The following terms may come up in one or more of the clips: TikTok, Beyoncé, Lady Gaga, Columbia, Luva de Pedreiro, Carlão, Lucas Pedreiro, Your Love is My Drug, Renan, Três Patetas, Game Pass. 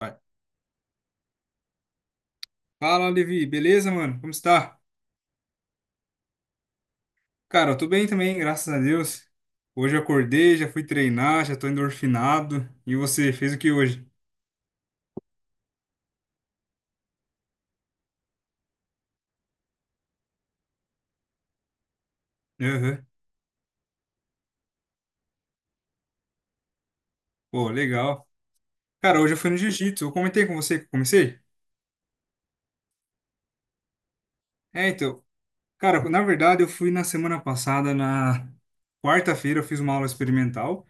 Vai. Fala, Levi, beleza, mano? Como está? Cara, eu tô bem também, graças a Deus. Hoje eu acordei, já fui treinar, já tô endorfinado. E você, fez o que hoje? Aham. Pô, legal. Cara, hoje eu fui no jiu-jitsu. Eu comentei com você que eu comecei? É, então. Cara, na verdade, eu fui na semana passada, na quarta-feira, eu fiz uma aula experimental.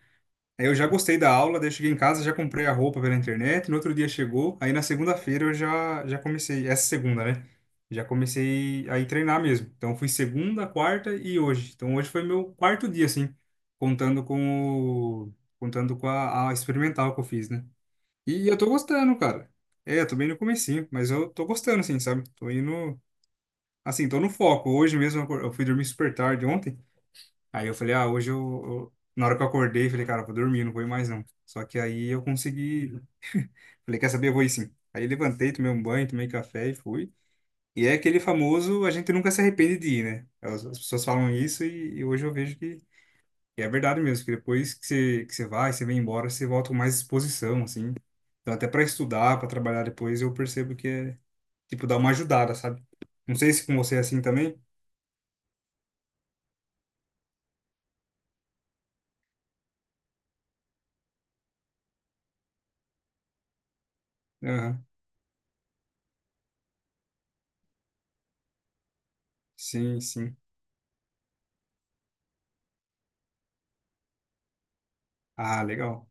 Aí eu já gostei da aula, daí eu cheguei em casa, já comprei a roupa pela internet, no outro dia chegou, aí na segunda-feira eu já, já comecei, essa segunda, né? Já comecei a ir treinar mesmo. Então fui segunda, quarta e hoje. Então hoje foi meu quarto dia, assim, contando com o, contando com a experimental que eu fiz, né? E eu tô gostando, cara. É, eu tô bem no comecinho, mas eu tô gostando, assim, sabe? Tô indo, assim, tô no foco. Hoje mesmo eu fui dormir super tarde ontem. Aí eu falei, ah, hoje na hora que eu acordei, falei, cara, eu vou dormir, não vou ir mais não. Só que aí eu consegui. Falei, quer saber? Eu vou ir sim. Aí levantei, tomei um banho, tomei café e fui. E é aquele famoso, a gente nunca se arrepende de ir, né? As pessoas falam isso e hoje eu vejo que é verdade mesmo, que depois que você vai, você vem embora, você volta com mais disposição, assim. Então, até para estudar, para trabalhar depois, eu percebo que é, tipo, dá uma ajudada, sabe? Não sei se com você é assim também. Aham. Sim, sim. Ah, legal.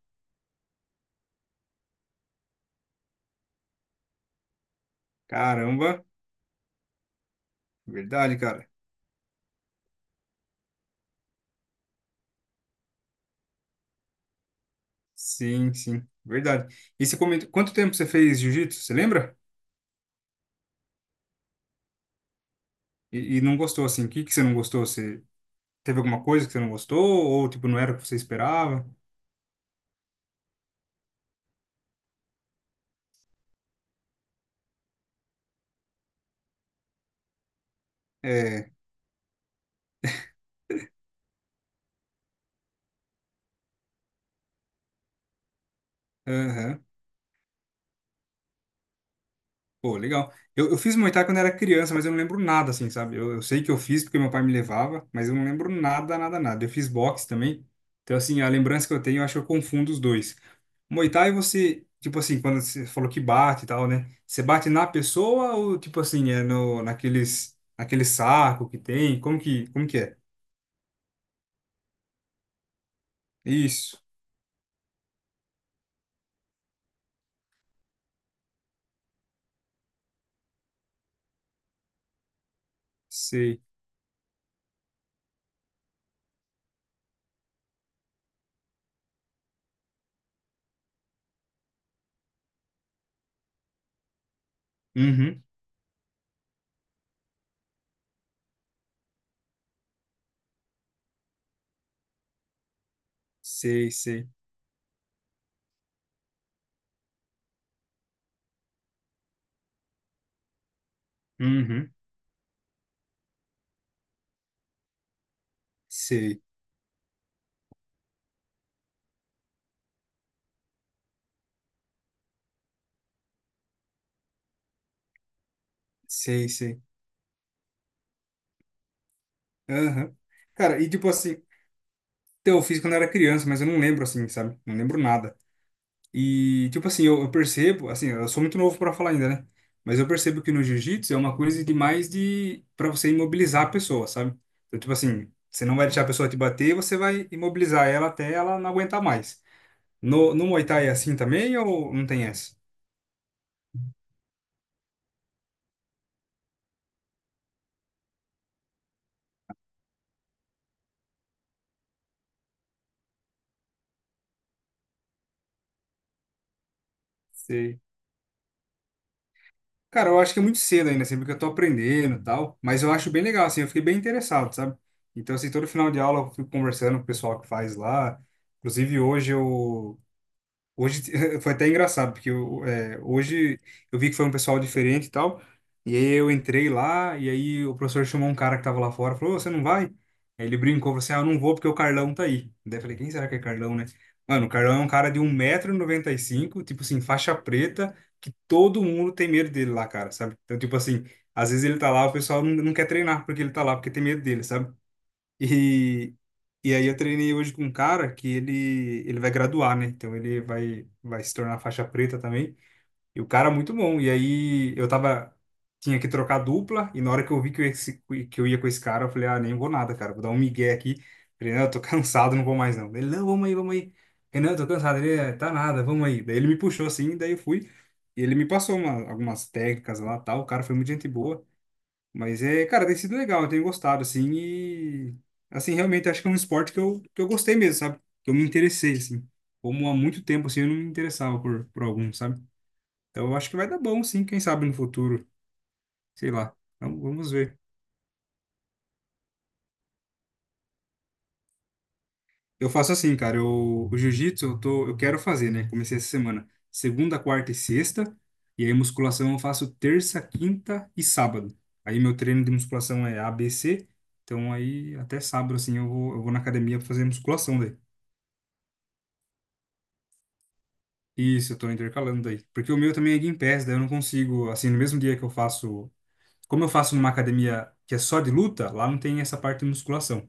Caramba. Verdade, cara. Sim, sim. Verdade. E você comentou, quanto tempo você fez jiu-jitsu? Você lembra? E não gostou, assim. O que que você não gostou? Você teve alguma coisa que você não gostou? Ou, tipo, não era o que você esperava? É. Aham. Pô, legal. Eu fiz Muay Thai quando era criança, mas eu não lembro nada, assim, sabe? Eu sei que eu fiz porque meu pai me levava, mas eu não lembro nada, nada, nada. Eu fiz boxe também. Então, assim, a lembrança que eu tenho, eu acho que eu confundo os dois. Muay Thai você, tipo assim, quando você falou que bate e tal, né? Você bate na pessoa ou tipo assim, é no naqueles naquele saco que tem? Como que é? Isso. Sei. Uhum. Sei, sei. Uhum. Sei. Sei, sei. Aham. Cara, e tipo assim, então, eu fiz quando eu era criança, mas eu não lembro assim, sabe? Não lembro nada. E, tipo assim, eu percebo, assim, eu sou muito novo para falar ainda, né? Mas eu percebo que no jiu-jitsu é uma coisa de mais de para você imobilizar a pessoa, sabe? Então, tipo assim, você não vai deixar a pessoa te bater, você vai imobilizar ela até ela não aguentar mais. No Muay Thai é assim também ou não tem essa? Sei. Cara, eu acho que é muito cedo ainda, assim, porque eu tô aprendendo e tal, mas eu acho bem legal, assim, eu fiquei bem interessado, sabe? Então, assim, todo final de aula eu fico conversando com o pessoal que faz lá. Inclusive, hoje eu... Hoje foi até engraçado, porque hoje eu vi que foi um pessoal diferente e tal. E aí eu entrei lá, e aí o professor chamou um cara que tava lá fora, falou, "Ô, você não vai?" Aí ele brincou, falou assim, ah, eu não vou porque o Carlão tá aí. Daí eu falei, quem será que é Carlão, né? Mano, o Carlão é um cara de 1,95 m, tipo assim, faixa preta, que todo mundo tem medo dele lá, cara, sabe? Então, tipo assim, às vezes ele tá lá, o pessoal não, não quer treinar porque ele tá lá, porque tem medo dele, sabe? E, e aí eu treinei hoje com um cara que ele vai graduar, né? Então ele vai se tornar faixa preta também. E o cara é muito bom. E aí eu tava, tinha que trocar dupla, e na hora que eu vi que eu, ia se- que eu ia com esse cara, eu falei, ah, nem vou nada, cara, vou dar um migué aqui. Falei, não, eu tô cansado, não vou mais não. Ele, não, vamos aí, vamos aí. Renan, eu tô cansado. Ele, "É, tá nada, vamos aí." Daí ele me puxou assim, daí eu fui. E ele me passou algumas técnicas lá, tal. O cara foi muito gente boa. Mas é, cara, tem sido legal, eu tenho gostado, assim, e assim, realmente acho que é um esporte que eu gostei mesmo, sabe? Que eu me interessei, assim. Como há muito tempo, assim, eu não me interessava por algum, sabe? Então eu acho que vai dar bom, sim, quem sabe no futuro, sei lá. Então, vamos ver. Eu faço assim, cara, o jiu-jitsu eu quero fazer, né? Comecei essa semana, segunda, quarta e sexta, e aí musculação eu faço terça, quinta e sábado. Aí meu treino de musculação é A B C, então aí até sábado, assim, eu vou na academia pra fazer musculação, daí. Isso, eu tô intercalando daí. Porque o meu também é Game Pass, daí eu não consigo, assim, no mesmo dia que eu faço. Como eu faço numa academia que é só de luta, lá não tem essa parte de musculação.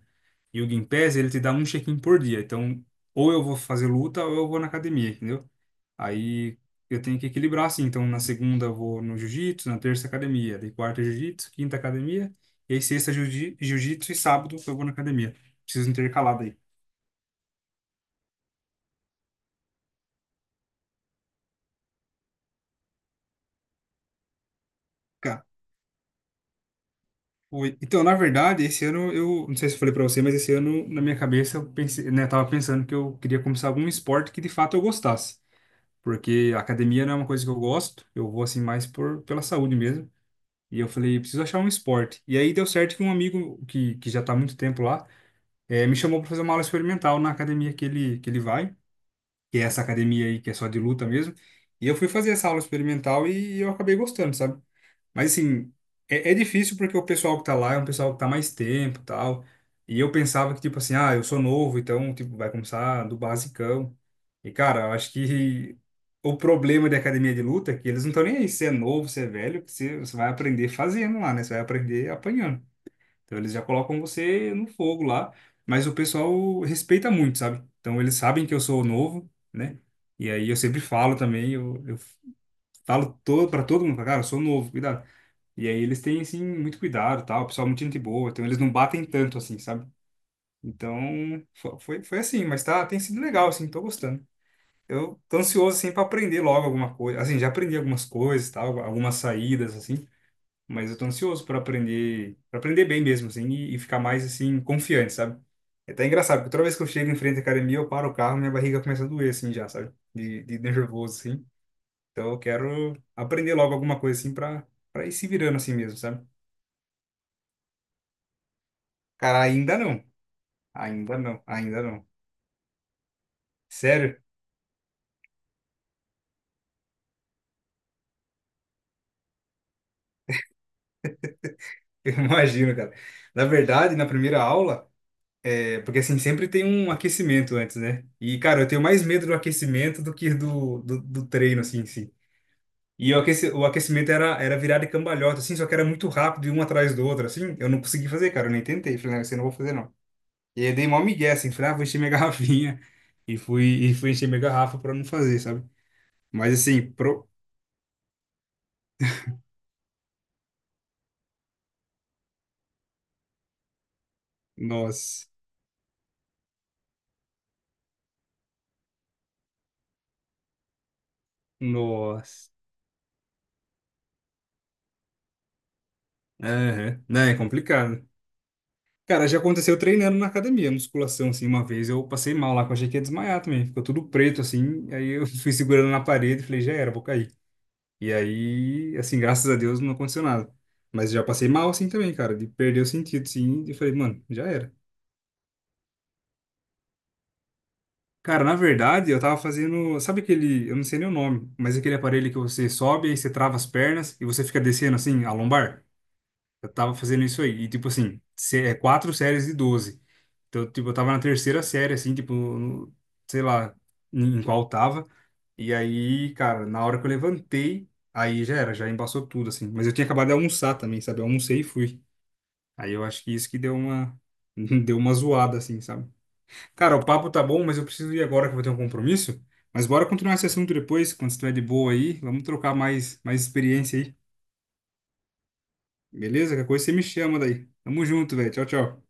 E o Game Pass, ele te dá um check-in por dia. Então, ou eu vou fazer luta ou eu vou na academia, entendeu? Aí eu tenho que equilibrar assim. Então, na segunda eu vou no jiu-jitsu, na terça academia, daí quarta jiu-jitsu, quinta academia, e aí sexta jiu-jitsu e sábado eu vou na academia. Preciso intercalar daí. Oi. Então, na verdade, esse ano eu, não sei se eu falei pra você, mas esse ano na minha cabeça eu pensei, né, tava pensando que eu queria começar algum esporte que de fato eu gostasse, porque a academia não é uma coisa que eu gosto, eu vou assim mais por pela saúde mesmo. E eu falei, preciso achar um esporte. E aí deu certo que um amigo que já tá há muito tempo lá, eh, me chamou para fazer uma aula experimental na academia que ele vai, que é essa academia aí que é só de luta mesmo. E eu fui fazer essa aula experimental e eu acabei gostando, sabe? Mas assim, é difícil porque o pessoal que tá lá é um pessoal que tá mais tempo, e tal. E eu pensava que tipo assim, ah, eu sou novo, então tipo vai começar do basicão. E cara, eu acho que o problema de academia de luta é que eles não estão nem aí se é novo, se é velho, que você vai aprender fazendo lá, né? Você vai aprender apanhando. Então eles já colocam você no fogo lá, mas o pessoal respeita muito, sabe? Então eles sabem que eu sou novo, né? E aí eu sempre falo também, eu falo todo para todo mundo, falo, cara, eu sou novo, cuidado. E aí eles têm, assim, muito cuidado, tal, o pessoal é muito gente boa, então eles não batem tanto, assim, sabe? Então, foi assim, mas tá, tem sido legal, assim, tô gostando. Eu tô ansioso, assim, pra aprender logo alguma coisa. Assim, já aprendi algumas coisas, tal, algumas saídas, assim, mas eu tô ansioso pra aprender, pra, aprender bem mesmo, assim, e ficar mais, assim, confiante, sabe? É até engraçado, porque toda vez que eu chego em frente à academia, eu paro o carro, minha barriga começa a doer, assim, já, sabe? De nervoso, assim. Então, eu quero aprender logo alguma coisa, assim, pra, pra ir se virando, assim mesmo, sabe? Cara, ainda não. Ainda não, ainda não. Sério? Eu imagino, cara. Na verdade, na primeira aula, é porque assim, sempre tem um aquecimento antes, né? E, cara, eu tenho mais medo do aquecimento do que do treino, assim, em si. E o o aquecimento era, era virada e cambalhota, assim, só que era muito rápido e um atrás do outro, assim. Eu não consegui fazer, cara, eu nem tentei. Falei, não, você não vou fazer, não. E aí eu dei mó migué, assim, falei, ah, vou encher minha garrafinha. E fui, e fui encher minha garrafa pra não fazer, sabe? Mas assim, Nossa, nossa. Aham. Né? É complicado. Cara, já aconteceu treinando na academia, musculação, assim, uma vez eu passei mal lá, que eu achei que ia desmaiar também. Ficou tudo preto, assim, aí eu fui segurando na parede e falei, já era, vou cair. E aí, assim, graças a Deus não aconteceu nada. Mas já passei mal, assim, também, cara, de perder o sentido, assim, e falei, mano, já era. Cara, na verdade, eu tava fazendo, sabe aquele, eu não sei nem o nome, mas aquele aparelho que você sobe, aí você trava as pernas e você fica descendo, assim, a lombar? Eu tava fazendo isso aí, e tipo assim, é 4 séries de 12. Então, tipo, eu tava na terceira série, assim, tipo, sei lá em qual eu tava. E aí, cara, na hora que eu levantei, aí já era, já embaçou tudo, assim. Mas eu tinha acabado de almoçar também, sabe? Eu almocei e fui. Aí eu acho que isso que deu uma zoada, assim, sabe? Cara, o papo tá bom, mas eu preciso ir agora que eu vou ter um compromisso. Mas bora continuar esse assunto depois, quando você estiver de boa aí. Vamos trocar mais experiência aí. Beleza? Qualquer coisa você me chama daí. Tamo junto, velho. Tchau, tchau.